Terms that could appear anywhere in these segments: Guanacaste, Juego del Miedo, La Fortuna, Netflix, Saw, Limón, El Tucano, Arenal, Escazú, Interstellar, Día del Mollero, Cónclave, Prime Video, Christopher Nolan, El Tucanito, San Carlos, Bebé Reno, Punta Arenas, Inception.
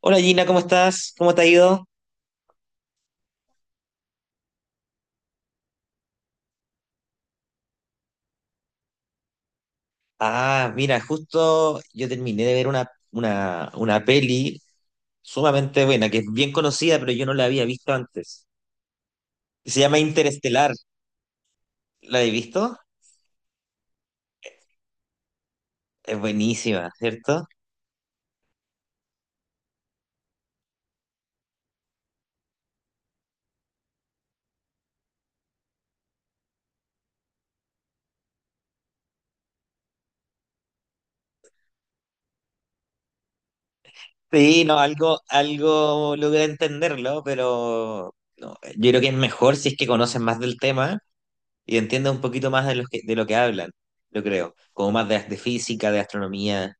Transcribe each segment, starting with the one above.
Hola Gina, ¿cómo estás? ¿Cómo te ha ido? Ah, mira, justo yo terminé de ver una peli sumamente buena, que es bien conocida, pero yo no la había visto antes. Se llama Interestelar. ¿La habéis visto? Es buenísima, ¿cierto? Sí, no, algo logré entenderlo, pero no, yo creo que es mejor si es que conocen más del tema y entienden un poquito más de lo que hablan, yo creo. Como más de física, de astronomía.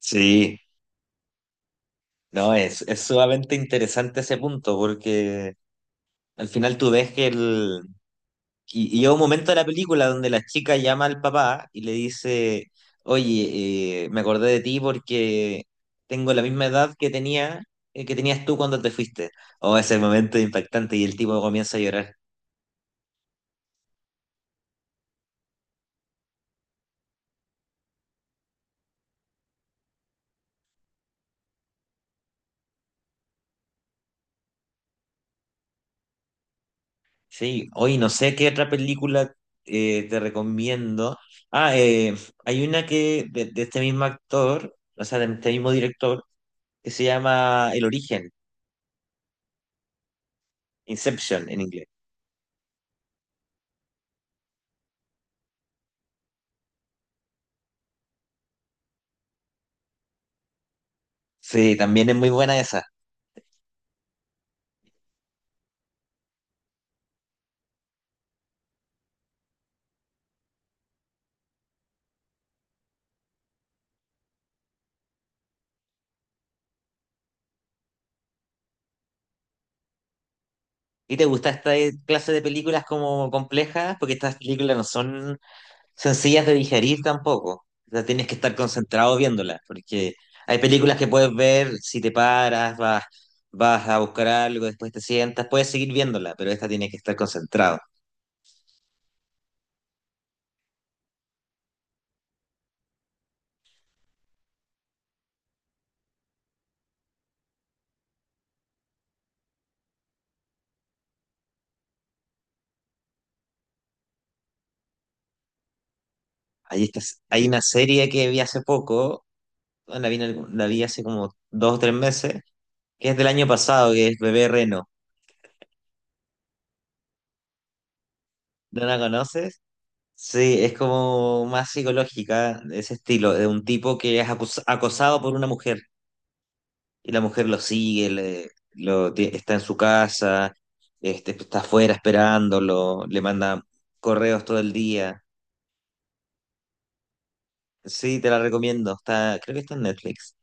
Sí. No, es sumamente interesante ese punto, porque al final tú ves que el... Y llega un momento de la película donde la chica llama al papá y le dice, oye, me acordé de ti porque tengo la misma edad que tenía, que tenías tú cuando te fuiste. Oh, ese momento es impactante y el tipo comienza a llorar. Sí, hoy no sé qué otra película te recomiendo. Ah, eh, Hay una que de este mismo actor, o sea, de este mismo director, que se llama El Origen. Inception en inglés. Sí, también es muy buena esa. ¿Y te gusta esta clase de películas como complejas? Porque estas películas no son sencillas de digerir tampoco. O sea, tienes que estar concentrado viéndolas, porque hay películas que puedes ver si te paras, vas, vas a buscar algo, después te sientas, puedes seguir viéndola, pero esta tienes que estar concentrado. Ahí estás hay una serie que vi hace poco, la vi, en algún- la vi hace como 2 o 3 meses, que es del año pasado, que es Bebé Reno. ¿No la conoces? Sí, es como más psicológica, de ese estilo, de un tipo que es acus- acosado por una mujer y la mujer lo sigue, le- lo, ti- está en su casa, este, está afuera esperándolo, le manda correos todo el día. Sí, te la recomiendo, está, creo que está en Netflix.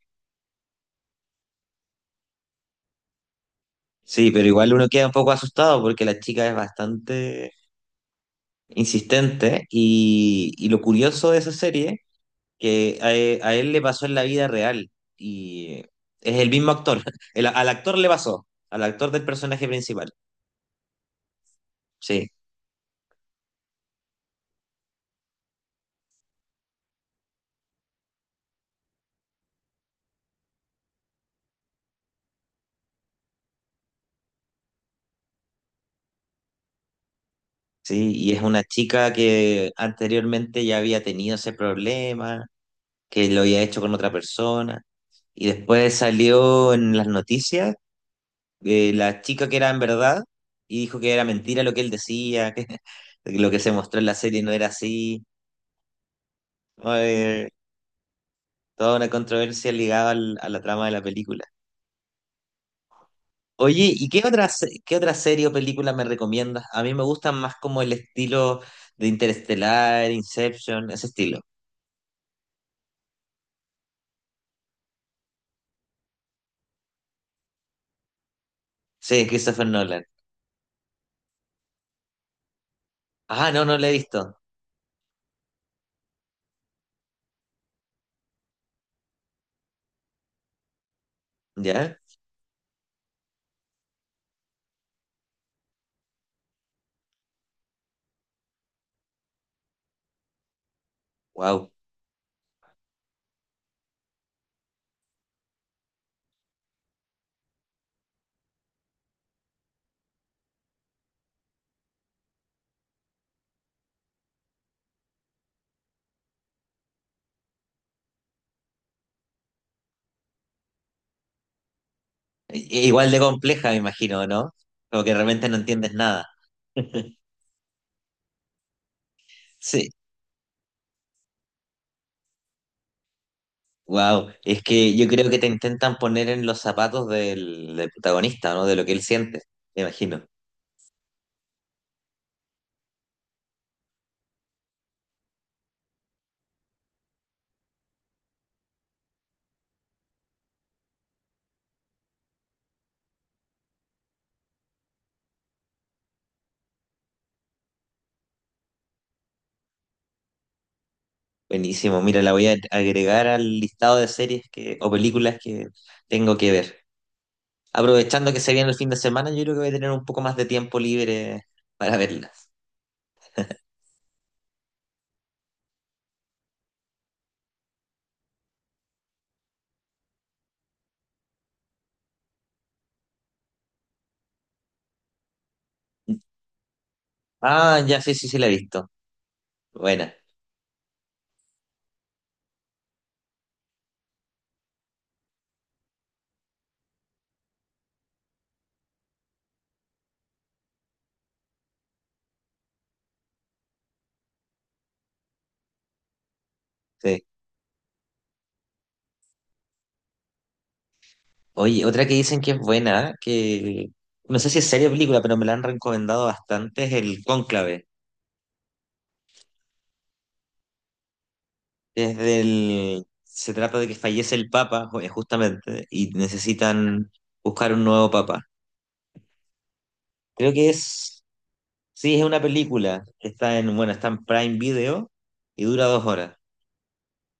Sí, pero igual uno queda un poco asustado porque la chica es bastante insistente y lo curioso de esa serie que a, e- a él le pasó en la vida real y es el mismo actor. El- al actor le pasó, al actor del personaje principal. Sí, sí, y es una chica que anteriormente ya había tenido ese problema, que lo había hecho con otra persona y después salió en las noticias la chica que era en verdad y dijo que era mentira lo que él decía, que lo que se mostró en la serie no era así. No, toda una controversia ligada al- a la trama de la película. Oye, ¿y qué otra, se- qué otra serie o película me recomiendas? A mí me gustan más como el estilo de Interestelar, Inception, ese estilo. Sí, Christopher Nolan. Ah, no, no la he visto. ¿Ya? Wow. Igual de compleja, me imagino, ¿no? Como que realmente no entiendes nada. Sí. Wow. Es que yo creo que te intentan poner en los zapatos del protagonista, ¿no? De lo que él siente, me imagino. Buenísimo. Mira, la voy a agregar al listado de series que, o películas que tengo que ver. Aprovechando que se viene el fin de semana, yo creo que voy a tener un poco más de tiempo libre para verlas. Ah, ya, sí, sí, sí la he visto. Buena, sí. Oye, otra que dicen que es buena, que no sé si es serie o película, pero me la han recomendado bastante, es el Cónclave. Es del... Se trata de que fallece el Papa, ju- justamente, y necesitan buscar un nuevo Papa. Creo que es... Sí, es una película. Está en, bueno, está en Prime Video y dura 2 horas.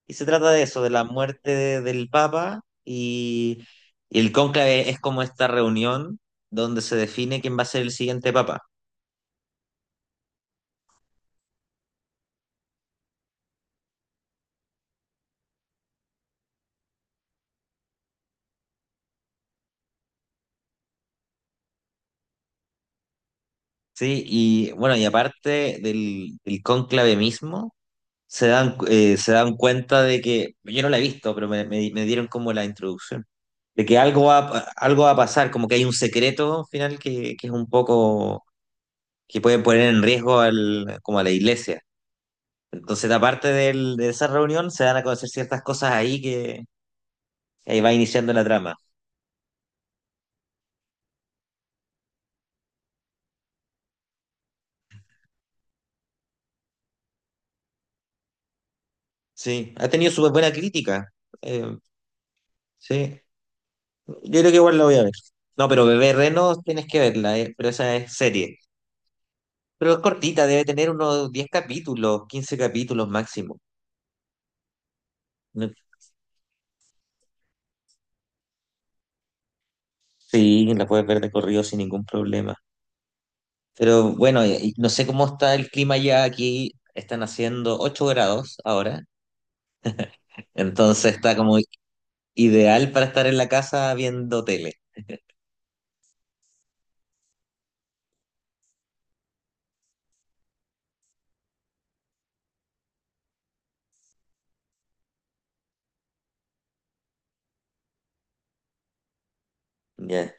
Y se trata de eso, de la muerte de- del Papa y el cónclave es como esta reunión donde se define quién va a ser el siguiente Papa. ¿Sí? Y bueno, y aparte del cónclave mismo, se dan cuenta de que, yo no la he visto, pero me dieron como la introducción, de que algo va a pasar, como que hay un secreto al final que es un poco, que puede poner en riesgo al, como a la iglesia. Entonces, aparte del- de esa reunión, se dan a conocer ciertas cosas ahí. Ahí va iniciando la trama. Sí, ha tenido súper buena crítica. Eh, sí, yo creo que igual la voy a ver. No, pero Bebé Reno tienes que verla, pero esa es serie. Pero es cortita, debe tener unos 10 capítulos, 15 capítulos máximo. No- Sí, la puedes ver de corrido sin ningún problema. Pero bueno, y no sé cómo está el clima ya aquí. Están haciendo 8 grados ahora. Entonces está como ideal para estar en la casa viendo tele. Ya.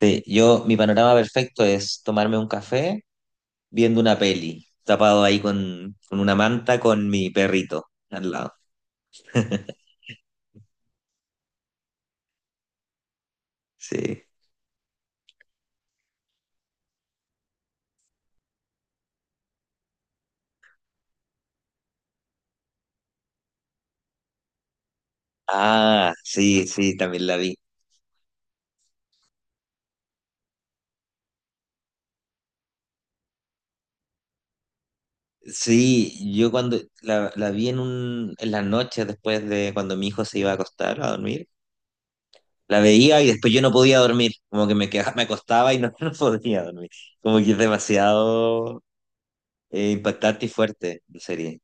Sí, yo, mi panorama perfecto es tomarme un café viendo una peli, tapado ahí con una manta con mi perrito al lado. Sí. Ah, sí, sí, también la vi. Sí, yo cuando la vi en un, en las noches después de cuando mi hijo se iba a acostar a dormir, la veía y después yo no podía dormir, como que me quedaba, me acostaba y no, no podía dormir, como que es demasiado impactante y fuerte la serie.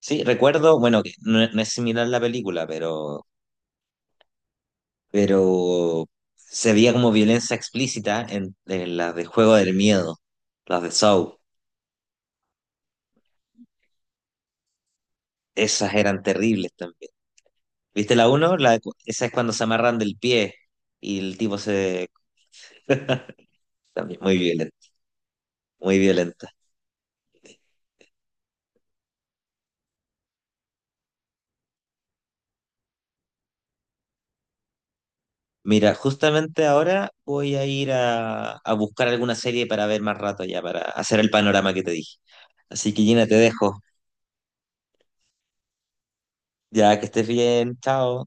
Sí, recuerdo, bueno, que no, no es similar a la película, pero se veía como violencia explícita en las de Juego del Miedo, las de Saw. Esas eran terribles también. ¿Viste la uno? La, de cu- esa es cuando se amarran del pie y el tipo se... También muy violenta, muy violenta. Mira, justamente ahora voy a ir a buscar alguna serie para ver más rato ya, para hacer el panorama que te dije. Así que Gina, te dejo. Ya, que estés bien, chao.